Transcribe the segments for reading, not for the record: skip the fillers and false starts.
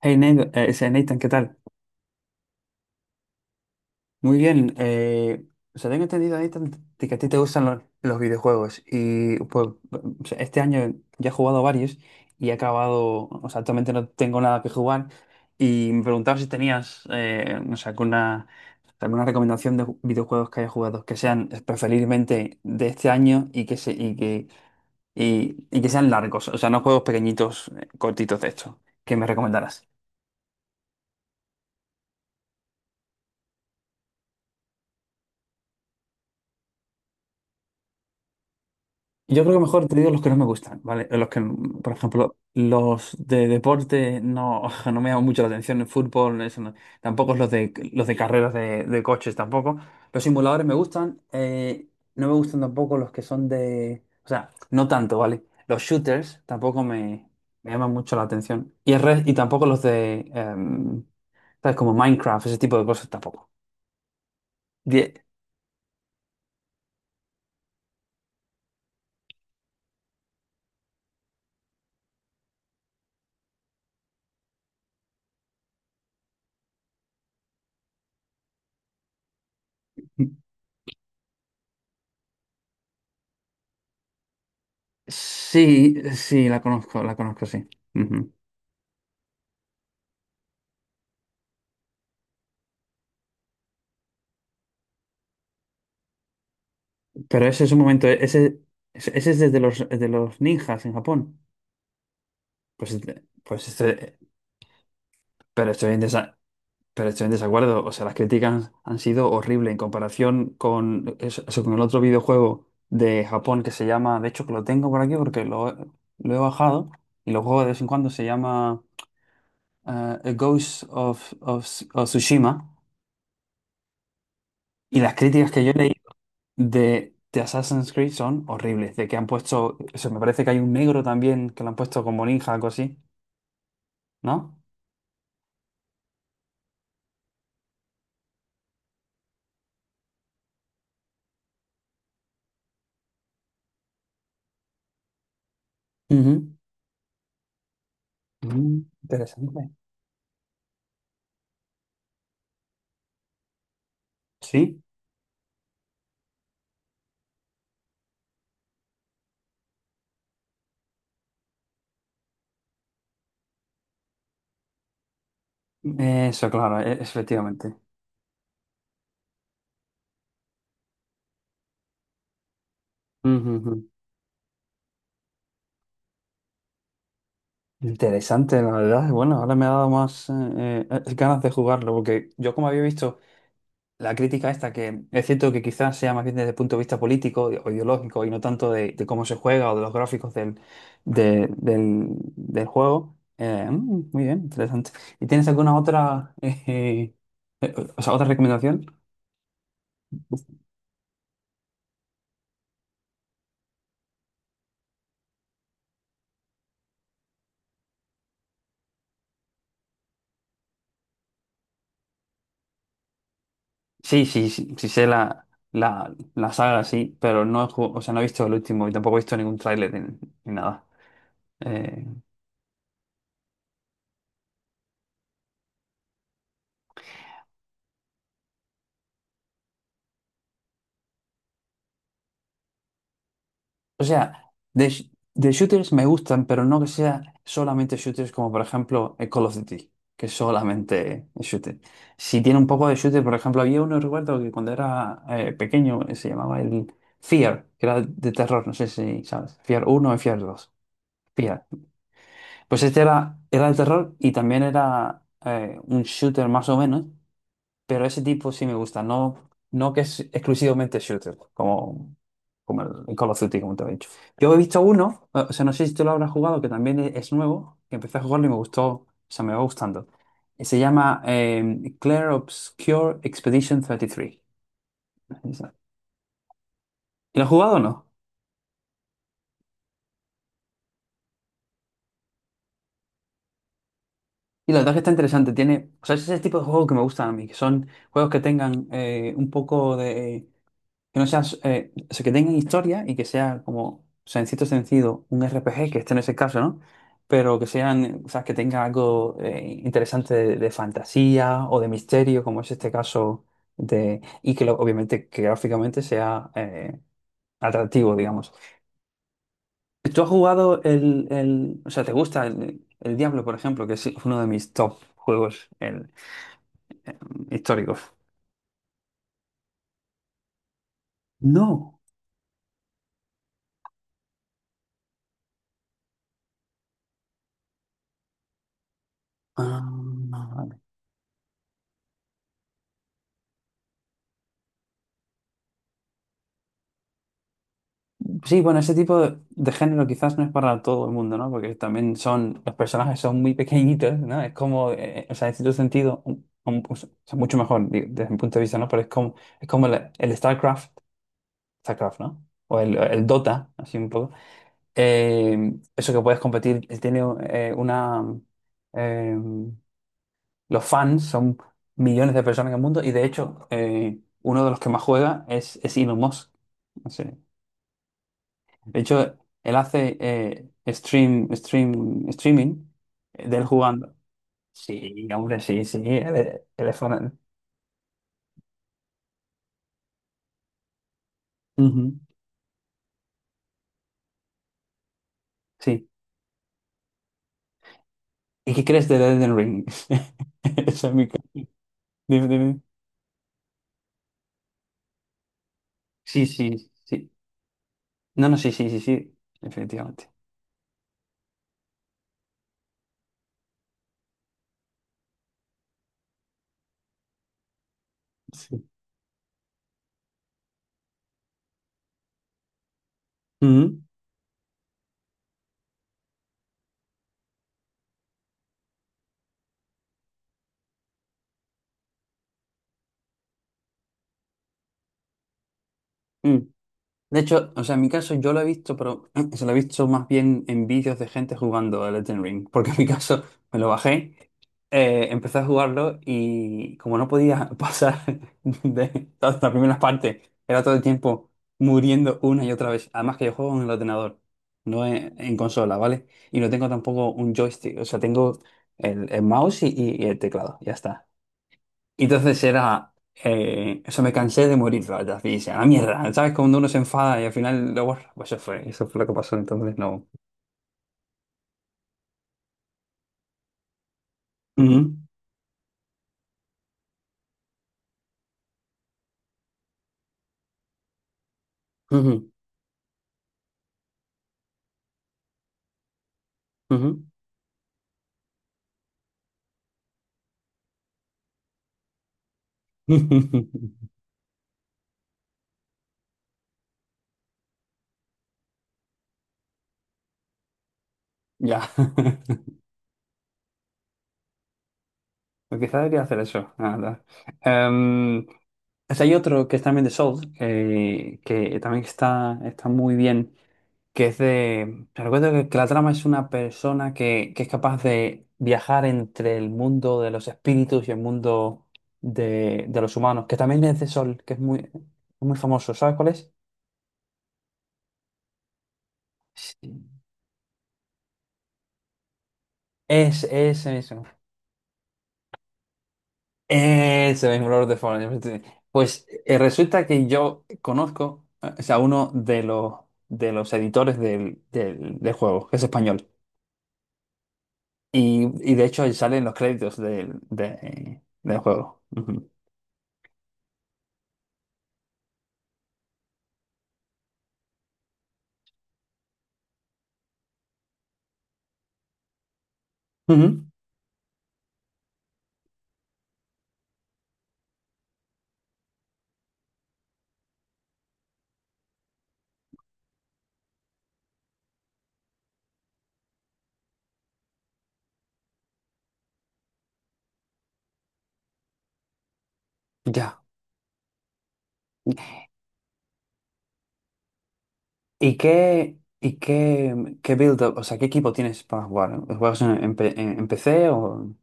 Hey, Nathan, ese Nathan, ¿qué tal? Muy bien. O sea, tengo entendido, Nathan, de que a ti te gustan los videojuegos. Y pues, o sea, este año ya he jugado varios y he acabado. O sea, actualmente no tengo nada que jugar. Y me preguntaba si tenías, no sé, alguna, alguna recomendación de videojuegos que haya jugado, que sean preferiblemente de este año y que, se, y que sean largos. O sea, no juegos pequeñitos, cortitos de estos, que me recomendaras. Yo creo que mejor te digo los que no me gustan, ¿vale? Los que, por ejemplo, los de deporte no, no me llaman mucho la atención, el fútbol, eso no. Tampoco los de los de carreras de coches tampoco. Los simuladores me gustan, no me gustan tampoco los que son de, o sea, no tanto, ¿vale? Los shooters tampoco me, me llaman mucho la atención. Y y tampoco los de, ¿sabes? Como Minecraft, ese tipo de cosas tampoco. Die- Sí, sí, la conozco, sí. Ujú. Pero ese es un momento, ese es desde de los ninjas en Japón. Pues este, pero estoy en desa- pero estoy en desacuerdo. O sea, las críticas han sido horribles en comparación con, eso, con el otro videojuego de Japón que se llama, de hecho que lo tengo por aquí porque lo he bajado y lo juego de vez en cuando, se llama eh, A Ghost of Tsushima. Y las críticas que yo leí de Assassin's Creed son horribles. De que han puesto, eso me parece que hay un negro también que lo han puesto como ninja, algo así, ¿no? Ujú. Mm, interesante. Sí, eso, claro, efectivamente. Ujú, ujú. Interesante, la verdad. Bueno, ahora me ha dado más ganas de jugarlo, porque yo como había visto la crítica esta, que es cierto que quizás sea más bien desde el punto de vista político o ideológico y no tanto de cómo se juega o de los gráficos de- del, del juego. Mm, muy bien, interesante. ¿Y tienes alguna otra, o sea, otra recomendación? Sí, sí, sí, sí sé la saga, sí, pero no, o sea, no he visto el último y tampoco he visto ningún tráiler ni, ni nada. Eh, O sea, de, de shooters me gustan, pero no que sea solamente shooters como por ejemplo Call of Duty, que es solamente shooter. Si tiene un poco de shooter, por ejemplo, había uno, recuerdo, que cuando era pequeño se llamaba el Fear, que era de terror, no sé si sabes, Fear uno y Fear dos. Fear. Pues este era, era de terror y también era un shooter más o menos, pero ese tipo sí me gusta, no, no que es exclusivamente shooter, como, como el Call of Duty, como te he dicho. Yo he visto uno, o sea, no sé si tú lo habrás jugado, que también es nuevo, que empecé a jugarlo y me gustó, o sea, me va gustando. Se llama Clair Obscure Expedition 33. Tres. Esa. ¿Y lo has jugado o no? Y la verdad que está interesante, tiene, o sea, es ese tipo de juegos que me gustan a mí, que son juegos que tengan un poco de que no seas, o sea, que tengan historia y que sea como, o sea, en cierto sentido, un RPG, que este no es el caso, ¿no? Pero que sean, o sea, que tenga algo interesante de fantasía o de misterio, como es este caso de, y obviamente que gráficamente sea atractivo, digamos. ¿Tú has jugado o sea, te gusta el Diablo, por ejemplo, que es uno de mis top juegos el, eh, históricos? No. Ah, vale. Sí, bueno, ese tipo de género quizás no es para todo el mundo, ¿no? Porque también son, los personajes son muy pequeñitos, ¿no? Es como, o sea, en cierto sentido, o sea, mucho mejor desde mi punto de vista, ¿no? Pero es como el StarCraft, StarCraft, ¿no? O el Dota, así un poco. Eso que puedes competir, tiene una... eh, los fans son millones de personas en el mundo y de hecho, uno de los que más juega es Elon Musk. De hecho, él hace streaming de él jugando. Sí, hombre, sí, sí. Él, él es fan. Ujú. Sí. ¿Y qué crees de Elden Ring? Esa es mi... dime, dime. Sí, sí, sí. No, no, sí, sí, sí, sí. Efectivamente. Sí. Ujú. De hecho, o sea, en mi caso yo lo he visto, pero se lo he visto más bien en vídeos de gente jugando a Elden Ring, porque en mi caso me lo bajé, empecé a jugarlo y como no podía pasar de todas las primeras partes, era todo el tiempo muriendo una y otra vez. Además que yo juego en el ordenador, no en, en consola, ¿vale? Y no tengo tampoco un joystick, o sea, tengo el mouse y el teclado, ya está. Y entonces era, eso me cansé de morir ratas, y dije, a la mierda, ¿sabes? Cuando uno se enfada y al final lo borra, pues eso fue lo que pasó, entonces no. Ujú, ujú, ujú. Ya, pues quizá debería hacer eso, la verdad. Em, O sea, hay otro que es también de Souls, que también está, está muy bien, que es de... Recuerdo que la trama es una persona que es capaz de viajar entre el mundo de los espíritus y el mundo de los humanos, que también es de Soul, que es muy, muy famoso. ¿Sabes cuál es? Sí. Es ese mismo. Ese mismo Lord of the Fallen. Pues resulta que yo conozco, o sea, uno de los editores del del juego, que es español. Y de hecho salen los créditos del, del juego. Ujú. Ujú. Ya. Y qué, qué build up, o sea, qué equipo tienes para jugar? ¿Juegas en, en PC o...?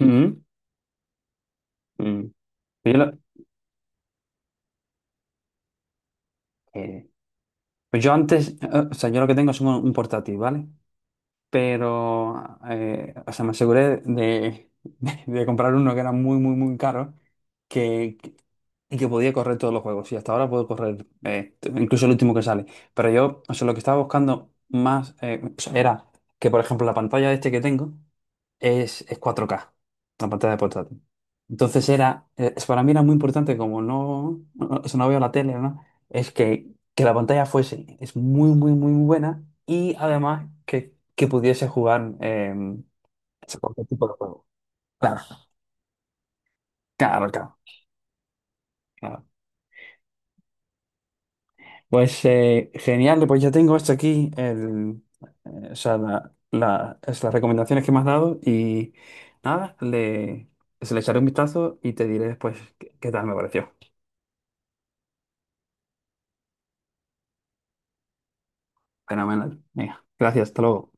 Ujú. Mm. Pues Yo, lo- eh, pues yo antes, o sea, yo lo que tengo es un portátil, ¿vale? Pero, o sea, me aseguré de, de comprar uno que era muy, muy, muy caro que, que- y que podía correr todos los juegos. Y hasta ahora puedo correr incluso el último que sale. Pero yo, o sea, lo que estaba buscando más o sea, era que, por ejemplo, la pantalla este que tengo es 4K la pantalla de portátil. Entonces era, para mí era muy importante, como no, no, eso no veo la tele, ¿no? Es que la pantalla fuese, es muy, muy, muy buena y además que pudiese jugar a cualquier tipo de juego. Claro, claro, claro. Claro. Pues genial, pues ya tengo esto aquí, el, o sea, es las recomendaciones que me has dado y nada, le, se le echaré un vistazo y te diré después qué qué tal me pareció. Fenomenal. Venga, gracias, hasta luego.